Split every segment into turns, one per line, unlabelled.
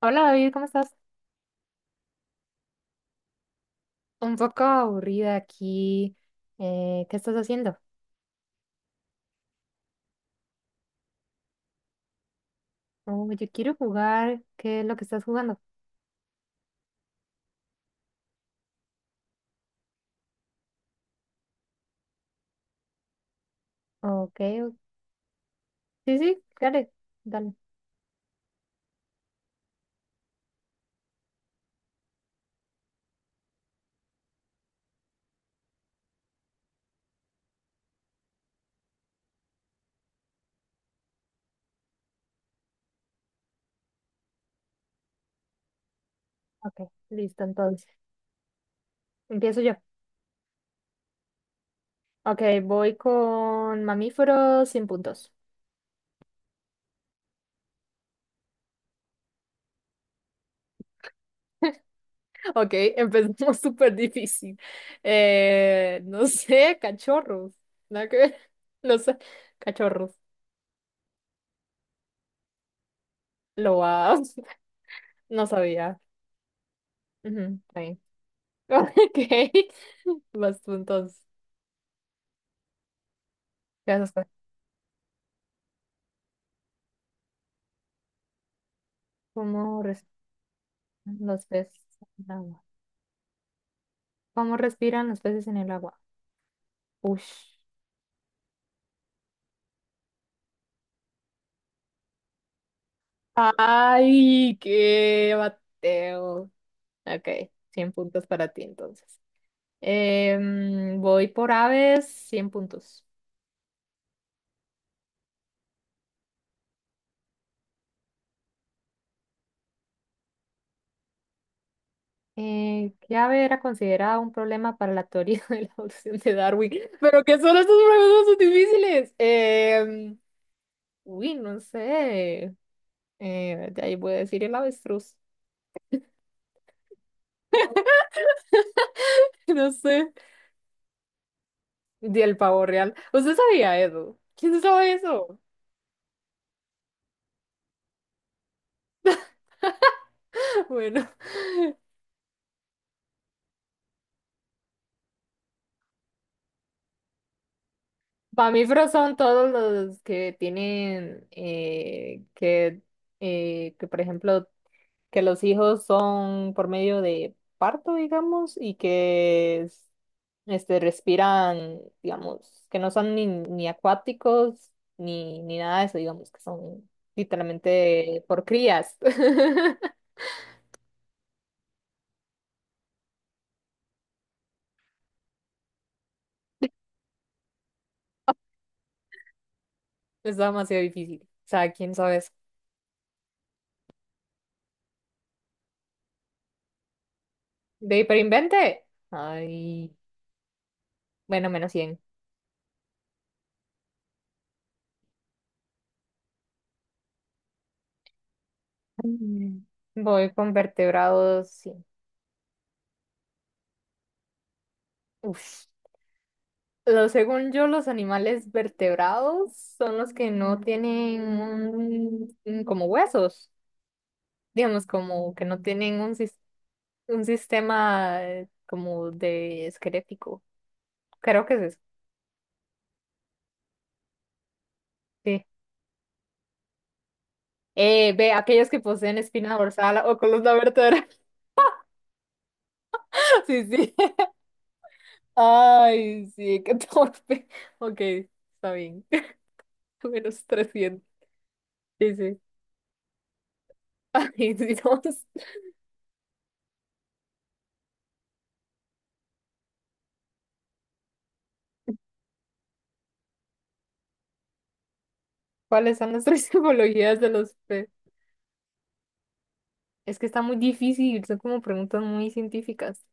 Hola David, ¿cómo estás? Un poco aburrida aquí. ¿Qué estás haciendo? Oh, yo quiero jugar. ¿Qué es lo que estás jugando? Ok, sí, sí, claro, dale. Ok, listo, entonces. Empiezo yo. Ok, voy con mamíferos 100 puntos. Ok, empezamos súper difícil. No sé, cachorros. Nada que ver. No sé, cachorros. Loas. No sabía. Ujú, está bien. Ok, vas tú entonces. Gracias, pues. ¿Cómo respiran los peces en el agua? ¿Cómo respiran los peces en el agua? Ush, ay, qué bateo. Ok, 100 puntos para ti entonces. Voy por aves, 100 puntos. ¿Qué ave era considerada un problema para la teoría de la evolución de Darwin? ¿Pero qué son estos problemas tan difíciles? Uy, no sé. De ahí voy a decir el avestruz. No sé. Y el pavo real. ¿Usted sabía eso? ¿Quién no sabe eso? Bueno, para mamíferos son todos los que tienen que, por ejemplo, que los hijos son por medio de parto, digamos, y este, respiran, digamos, que no son ni acuáticos ni nada de eso, digamos, que son literalmente por crías. Es demasiado difícil. O sea, ¿quién sabe? ¿De hiperinvente? Ay, bueno, menos 100. Voy con vertebrados, sí. Uf. Lo, según yo, los animales vertebrados son los que no tienen como huesos, digamos, como que no tienen un sistema como de esquelético. Creo que es eso, sí. Ve, aquellos que poseen espina dorsal o columna vertebral. Sí, sí. Ay, sí, qué torpe. Ok, está bien. Menos 300. Sí, sí. Ay, Dios. ¿Cuáles son las tres simbologías de los peces? Es que está muy difícil, son como preguntas muy científicas.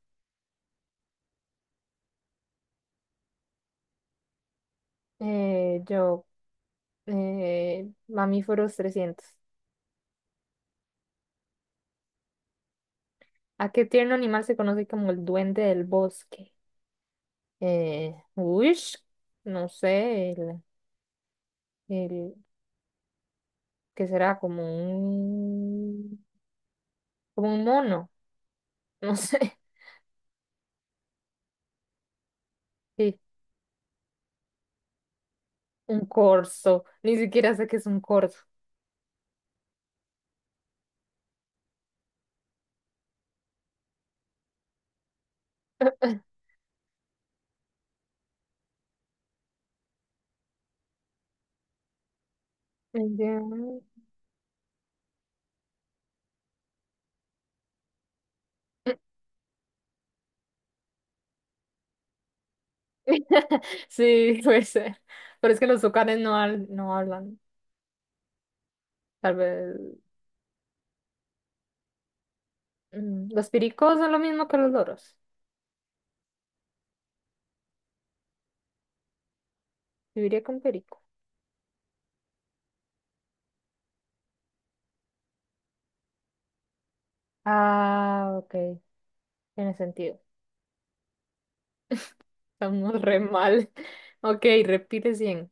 Eh, yo, mamíferos 300. ¿A qué tierno animal se conoce como el duende del bosque? Uish, no sé, el, ¿qué será? Como un mono, no sé. Sí, un corzo, ni siquiera sé qué es un corzo. Ya. Sí, puede ser. Pero es que los tucanes no, no hablan. Tal vez. Mm, los pericos son lo mismo que los loros. Viviría con perico. Ah, ok. Tiene sentido. Estamos re mal. Ok, reptiles bien.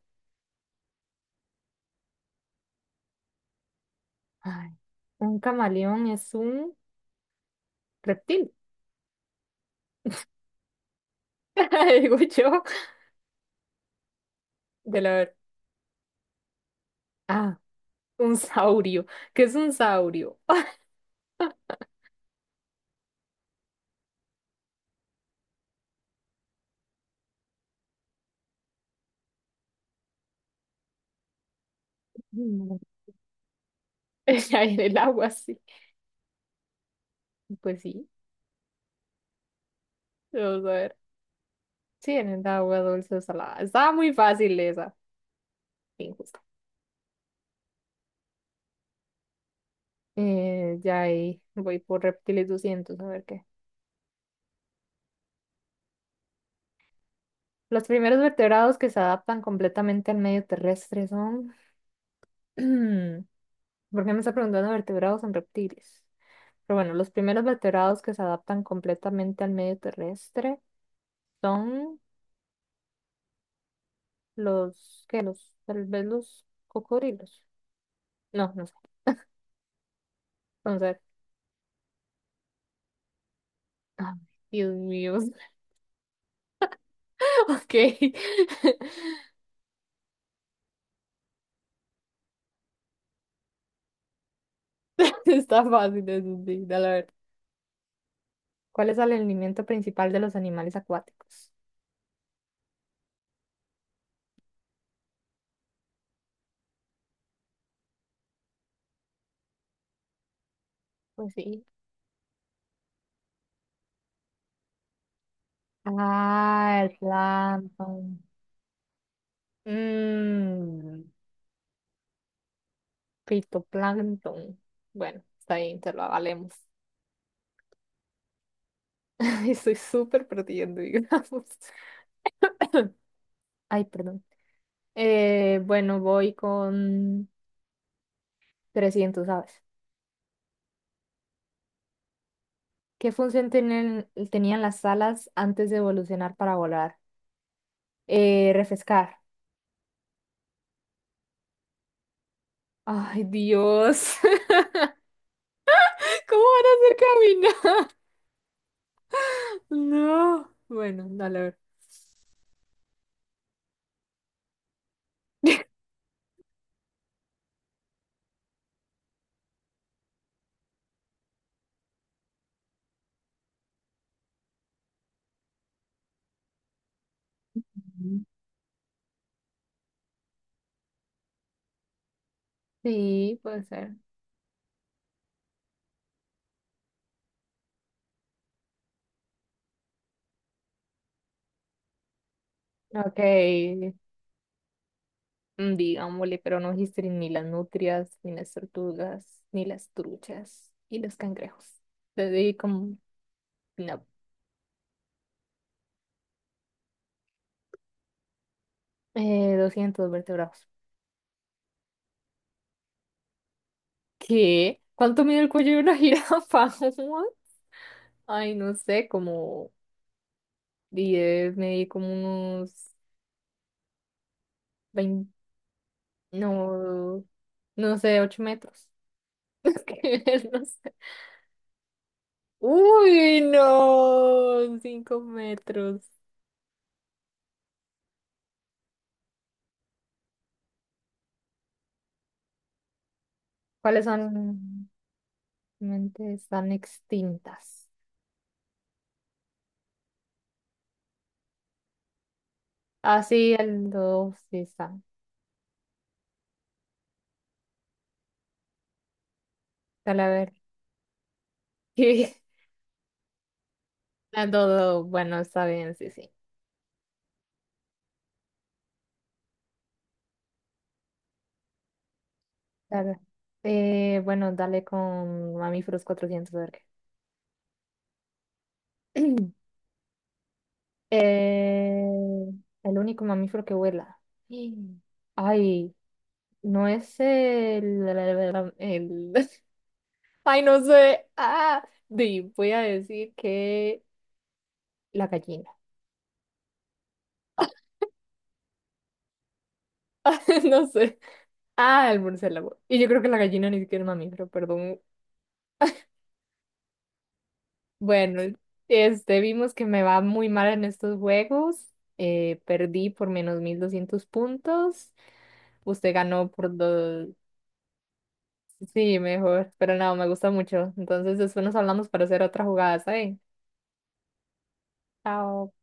Ay, un camaleón es un reptil. Digo yo. De la ver. Ah, un saurio. ¿Qué es un saurio? Mm. Ya en el agua, sí. Pues sí. Vamos a ver. Sí, en el agua dulce o salada. Estaba muy fácil esa. Injusta. Ya ahí voy por reptiles 200, a ver qué. Los primeros vertebrados que se adaptan completamente al medio terrestre son... ¿Por qué me está preguntando vertebrados en reptiles? Pero bueno, los primeros vertebrados que se adaptan completamente al medio terrestre son los... ¿Qué? Los... Tal vez los cocodrilos. No, no sé. Entonces... ay, Dios mío. Ok. Está fácil eso, sí, la verdad. ¿Cuál es el alimento principal de los animales acuáticos? Pues sí. Ah, el plancton. Mmm, fitoplancton. Bueno, está bien, te lo avalemos. Estoy súper perdiendo, digamos. Ay, perdón. Bueno, voy con 300 aves. ¿Qué función tienen, tenían las alas antes de evolucionar para volar? Refrescar. Ay, Dios. ¿Cómo van a hacer caminar? No. Bueno, dale a ver. Ujú. Sí, puede ser. Ok, mm, digámosle, pero no dijiste ni las nutrias, ni las tortugas, ni las truchas, y los cangrejos. Le di como, no, 200 vertebrados. ¿Qué? ¿Cuánto mide el cuello de una jirafa? Ay, no sé, como diez, medí como unos 20, no, no sé, 8 metros. Es que no sé. Uy, no, 5 metros. ¿Cuáles son? Mente están extintas. Ah, sí, el dos sí están. Talavera. Sí, el dodo, bueno, está bien, sí, sí. Dale. Bueno, dale con mamíferos 400, a ver qué. Eh, el único mamífero que vuela. Mm. Ay, no es el- ay, no sé. Ah, di, voy a decir que la gallina. No sé. Ah, el murciélago. Y yo creo que la gallina ni siquiera es mamífero, perdón. Bueno, este, vimos que me va muy mal en estos juegos. Perdí por menos 1200 puntos. Usted ganó por dos. Sí, mejor. Pero no, me gusta mucho. Entonces, después nos hablamos para hacer otra jugada, ¿saben? Chao.